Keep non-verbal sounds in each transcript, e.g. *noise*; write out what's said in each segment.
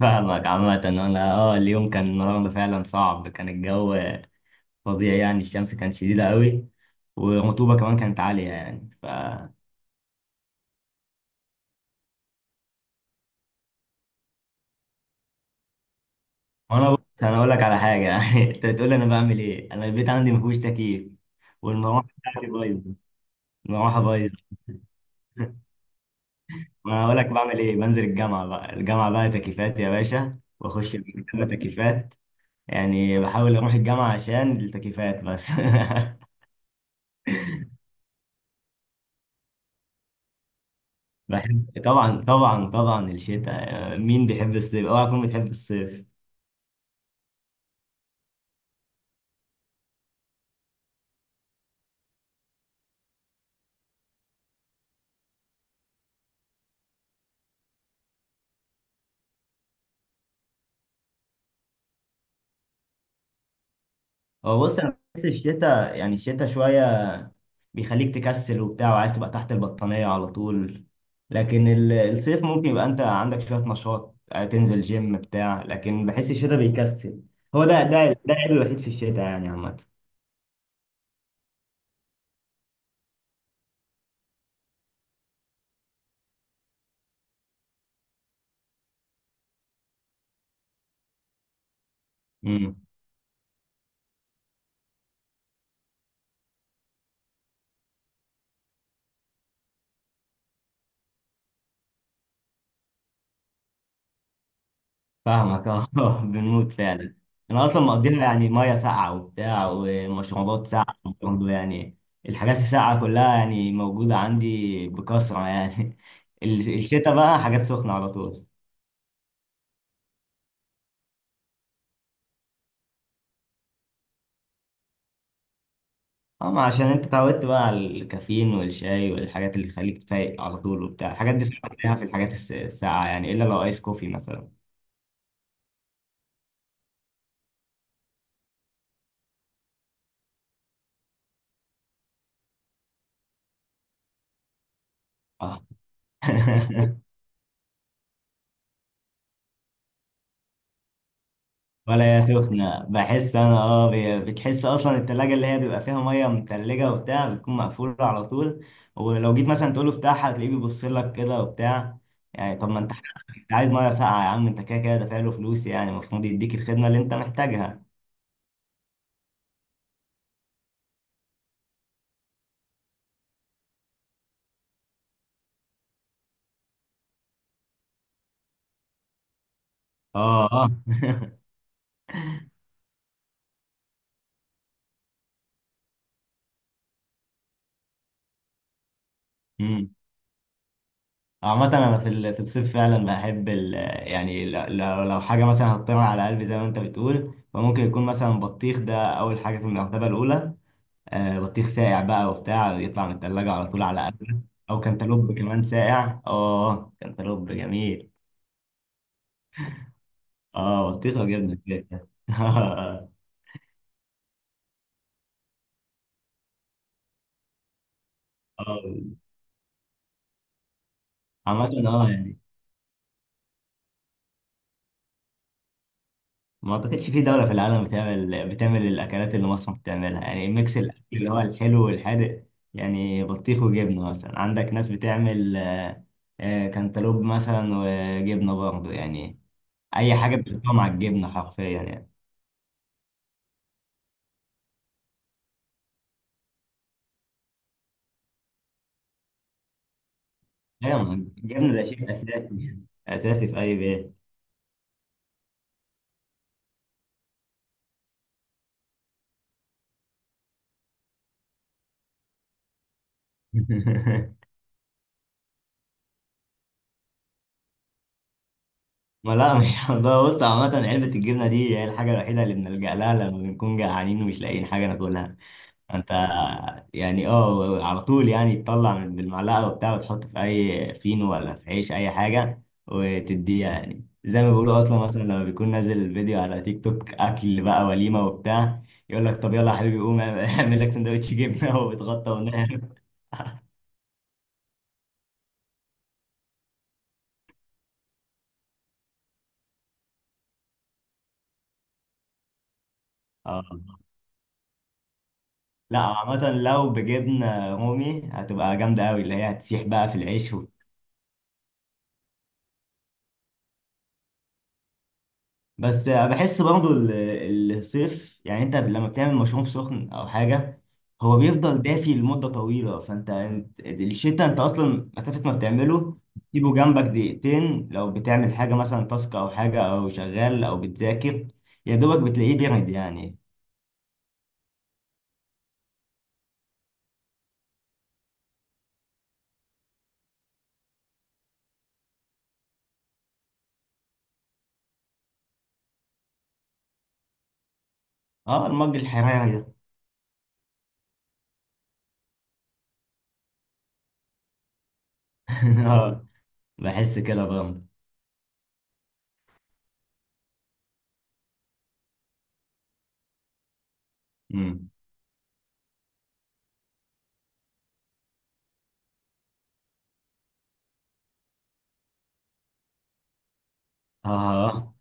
فاهمك. عامة أنا اليوم كان النهاردة فعلا صعب، كان الجو فظيع يعني، الشمس كانت شديدة قوي، والرطوبة كمان كانت عالية يعني. ف وأنا بص أنا أقول لك على حاجة. *laughs* يعني أنت تقول لي أنا بعمل إيه، أنا البيت عندي مفيهوش تكييف، والمروحة بتاعتي بايظة، المروحة بايظة. *laughs* وأنا هقول لك بعمل إيه، بنزل الجامعة بقى، الجامعة بقى تكييفات يا باشا، وأخش المكتبة تكييفات، يعني بحاول أروح الجامعة عشان التكييفات بس. *laughs* بحب طبعا الشتاء، مين بيحب الصيف؟ اوعى تكون بتحب الصيف. هو بص، انا بحس الشتاء يعني الشتاء شويه بيخليك تكسل وبتاع، وعايز تبقى تحت البطانيه على طول، لكن الصيف ممكن يبقى انت عندك شويه نشاط، تنزل جيم بتاع لكن بحس الشتاء بيكسل. هو ده العيب الوحيد في الشتاء يعني عامه. فاهمك اه. *laughs* بنموت فعلا. انا اصلا مقضيها يعني ميه ساقعه وبتاع، ومشروبات ساقعه برضه يعني، الحاجات الساقعه كلها يعني موجوده عندي بكثره يعني. *laughs* الشتاء بقى حاجات سخنه على طول. اما عشان انت اتعودت بقى على الكافيين والشاي والحاجات اللي تخليك تفايق على طول وبتاع، الحاجات دي صعب تلاقيها في الحاجات الساقعه يعني، الا لو ايس كوفي مثلا. اه. *laughs* ولا هي سخنة، بحس أنا بتحس أصلا التلاجة اللي هي بيبقى فيها مية متلجة وبتاع بتكون مقفولة على طول، ولو جيت مثلا تقوله افتحها هتلاقيه بيبص لك كده وبتاع، يعني طب ما أنت، أنت عايز مية ساقعة يا عم، أنت كده كده دافع له فلوس يعني، المفروض يديك الخدمة اللي أنت محتاجها. أه أه. *laughs* أمم. عامة أنا في في الصيف فعلا بحب ال، يعني لو حاجة مثلا هتطير على قلبي زي ما أنت بتقول، فممكن يكون مثلا بطيخ، ده أول حاجة في المرتبة الأولى، بطيخ ساقع بقى وبتاع، يطلع من التلاجة على طول على قبل، أو كانتالوب كمان ساقع، آه كانتالوب جميل. آه، بطيخة وجبنة كده. *laughs* آه، عامة آه يعني، ما أعتقدش في دولة في العالم بتعمل الأكلات اللي مصر بتعملها، يعني ميكس الأكل اللي هو الحلو والحادق، يعني بطيخ وجبنة مثلا، عندك ناس بتعمل كانتالوب مثلا وجبنة برضه يعني، أي حاجة بتحطها مع الجبنة حرفيا يعني. ايوه، الجبن ده شيء اساسي، اساسي في اي بيت. *laughs* ما لا مش *laughs* هنضيع. بص، عامة علبة الجبنة دي هي الحاجة الوحيدة اللي بنلجأ لها لما بنكون جعانين ومش لاقيين حاجة ناكلها. انت يعني اه، على طول يعني تطلع من بالمعلقة وبتاع وتحط في اي فينو ولا في عيش اي حاجة وتديها، يعني زي ما بيقولوا، اصلا مثلا لما بيكون نازل فيديو على تيك توك اكل بقى وليمة وبتاع، يقول لك طب يلا يا حبيبي قوم اعمل لك سندوتش جبنة *laughs* وبتغطى ونام. اه. لا عامة لو بجبنة رومي هتبقى جامدة أوي، اللي هي هتسيح بقى في العيش و... بس بحس برضو الصيف يعني، أنت لما بتعمل مشروب سخن أو حاجة، هو بيفضل دافي لمدة طويلة، الشتا أنت أصلا مسافة ما بتعمله، تسيبه جنبك دقيقتين، لو بتعمل حاجة مثلا تاسك أو حاجة أو شغال أو بتذاكر، يا دوبك بتلاقيه بيرد يعني. أه المج الحراري ده. *laughs* أه، بحس كده برضه. أمم. أه،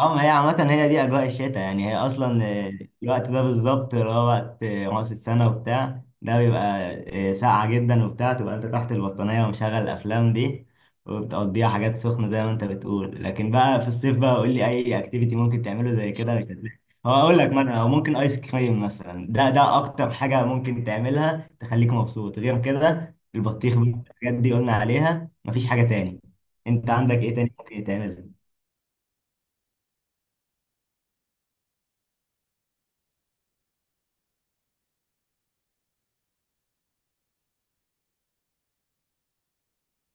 اه ما هي عامة هي دي أجواء الشتاء يعني، هي أصلا الوقت ده بالظبط، اللي هو وقت رأس السنة وبتاع، ده بيبقى ساقعة جدا وبتاع، تبقى أنت تحت البطانية ومشغل الأفلام دي، وبتقضيها حاجات سخنة زي ما أنت بتقول، لكن بقى في الصيف بقى قول لي أي أكتيفيتي ممكن تعمله زي كده، مش هتلاقي. هو أقول لك مثلا، هو ممكن آيس كريم مثلا، ده أكتر حاجة ممكن تعملها تخليك مبسوط، غير كده البطيخ بقى، الحاجات دي قلنا عليها، مفيش حاجة تاني. أنت عندك إيه تاني ممكن تعمله؟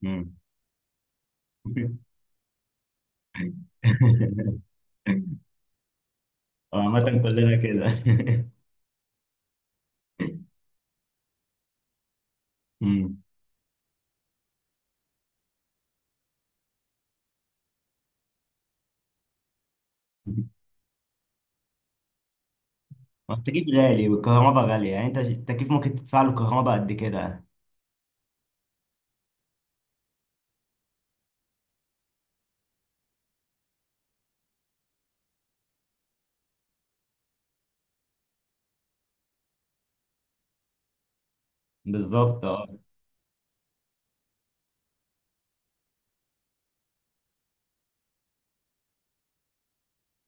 مم. *laughs* *laughs* هو عامة كلنا كده. *laughs* مم. التكييف غالي والكهرباء غالية يعني، انت التكييف ممكن تدفع له كهرباء قد كده. بالظبط اه.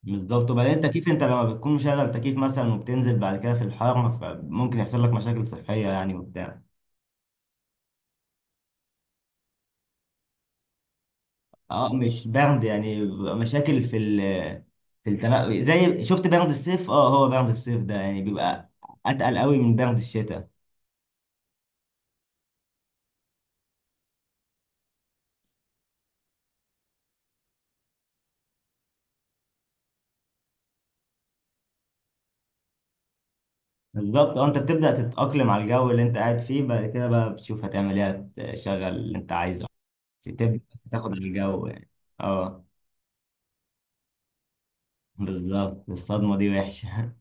بالظبط، وبعدين التكييف انت لما بتكون مشغل تكييف مثلا وبتنزل بعد كده في الحر، فممكن يحصل لك مشاكل صحية يعني وبتاع. اه مش برد، يعني بيبقى مشاكل في ال، في التنقل زي، شفت برد الصيف، اه هو برد الصيف ده يعني بيبقى اتقل قوي من برد الشتاء. بالظبط اه، انت بتبدأ تتأقلم على الجو اللي انت قاعد فيه، بعد كده بقى بتشوف هتعمل ايه، تشغل اللي انت عايزه، تبدأ بس تاخد على الجو يعني. اه، بالظبط، الصدمة دي وحشة.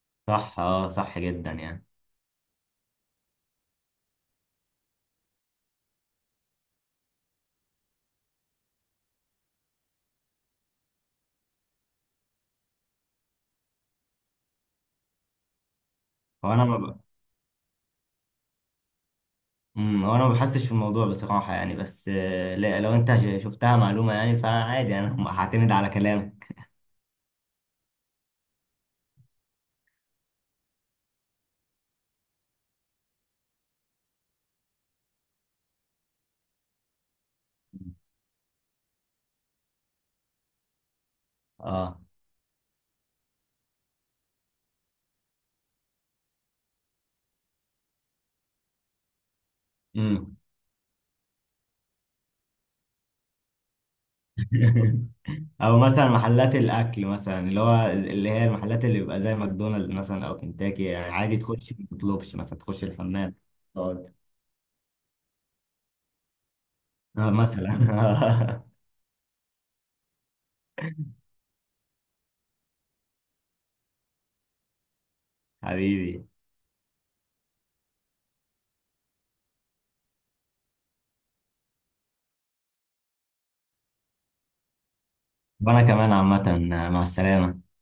*laughs* صح، اه صح جدا يعني. هو انا ما ب... مم، هو انا ما بحسش في الموضوع بصراحة يعني، بس لا لو انت شفتها معلومة يعني فعادي، *laughs* انا هعتمد على كلامك. اه، امم. *laughs* او مثلا محلات الاكل مثلا، اللي هو اللي هي المحلات اللي بيبقى زي ماكدونالدز مثلا او كنتاكي، يعني عادي تخش ما تطلبش، مثلا تخش الحمام، تقعد، مثلا. *laughs* حبيبي. وانا كمان عامه، مع السلامه.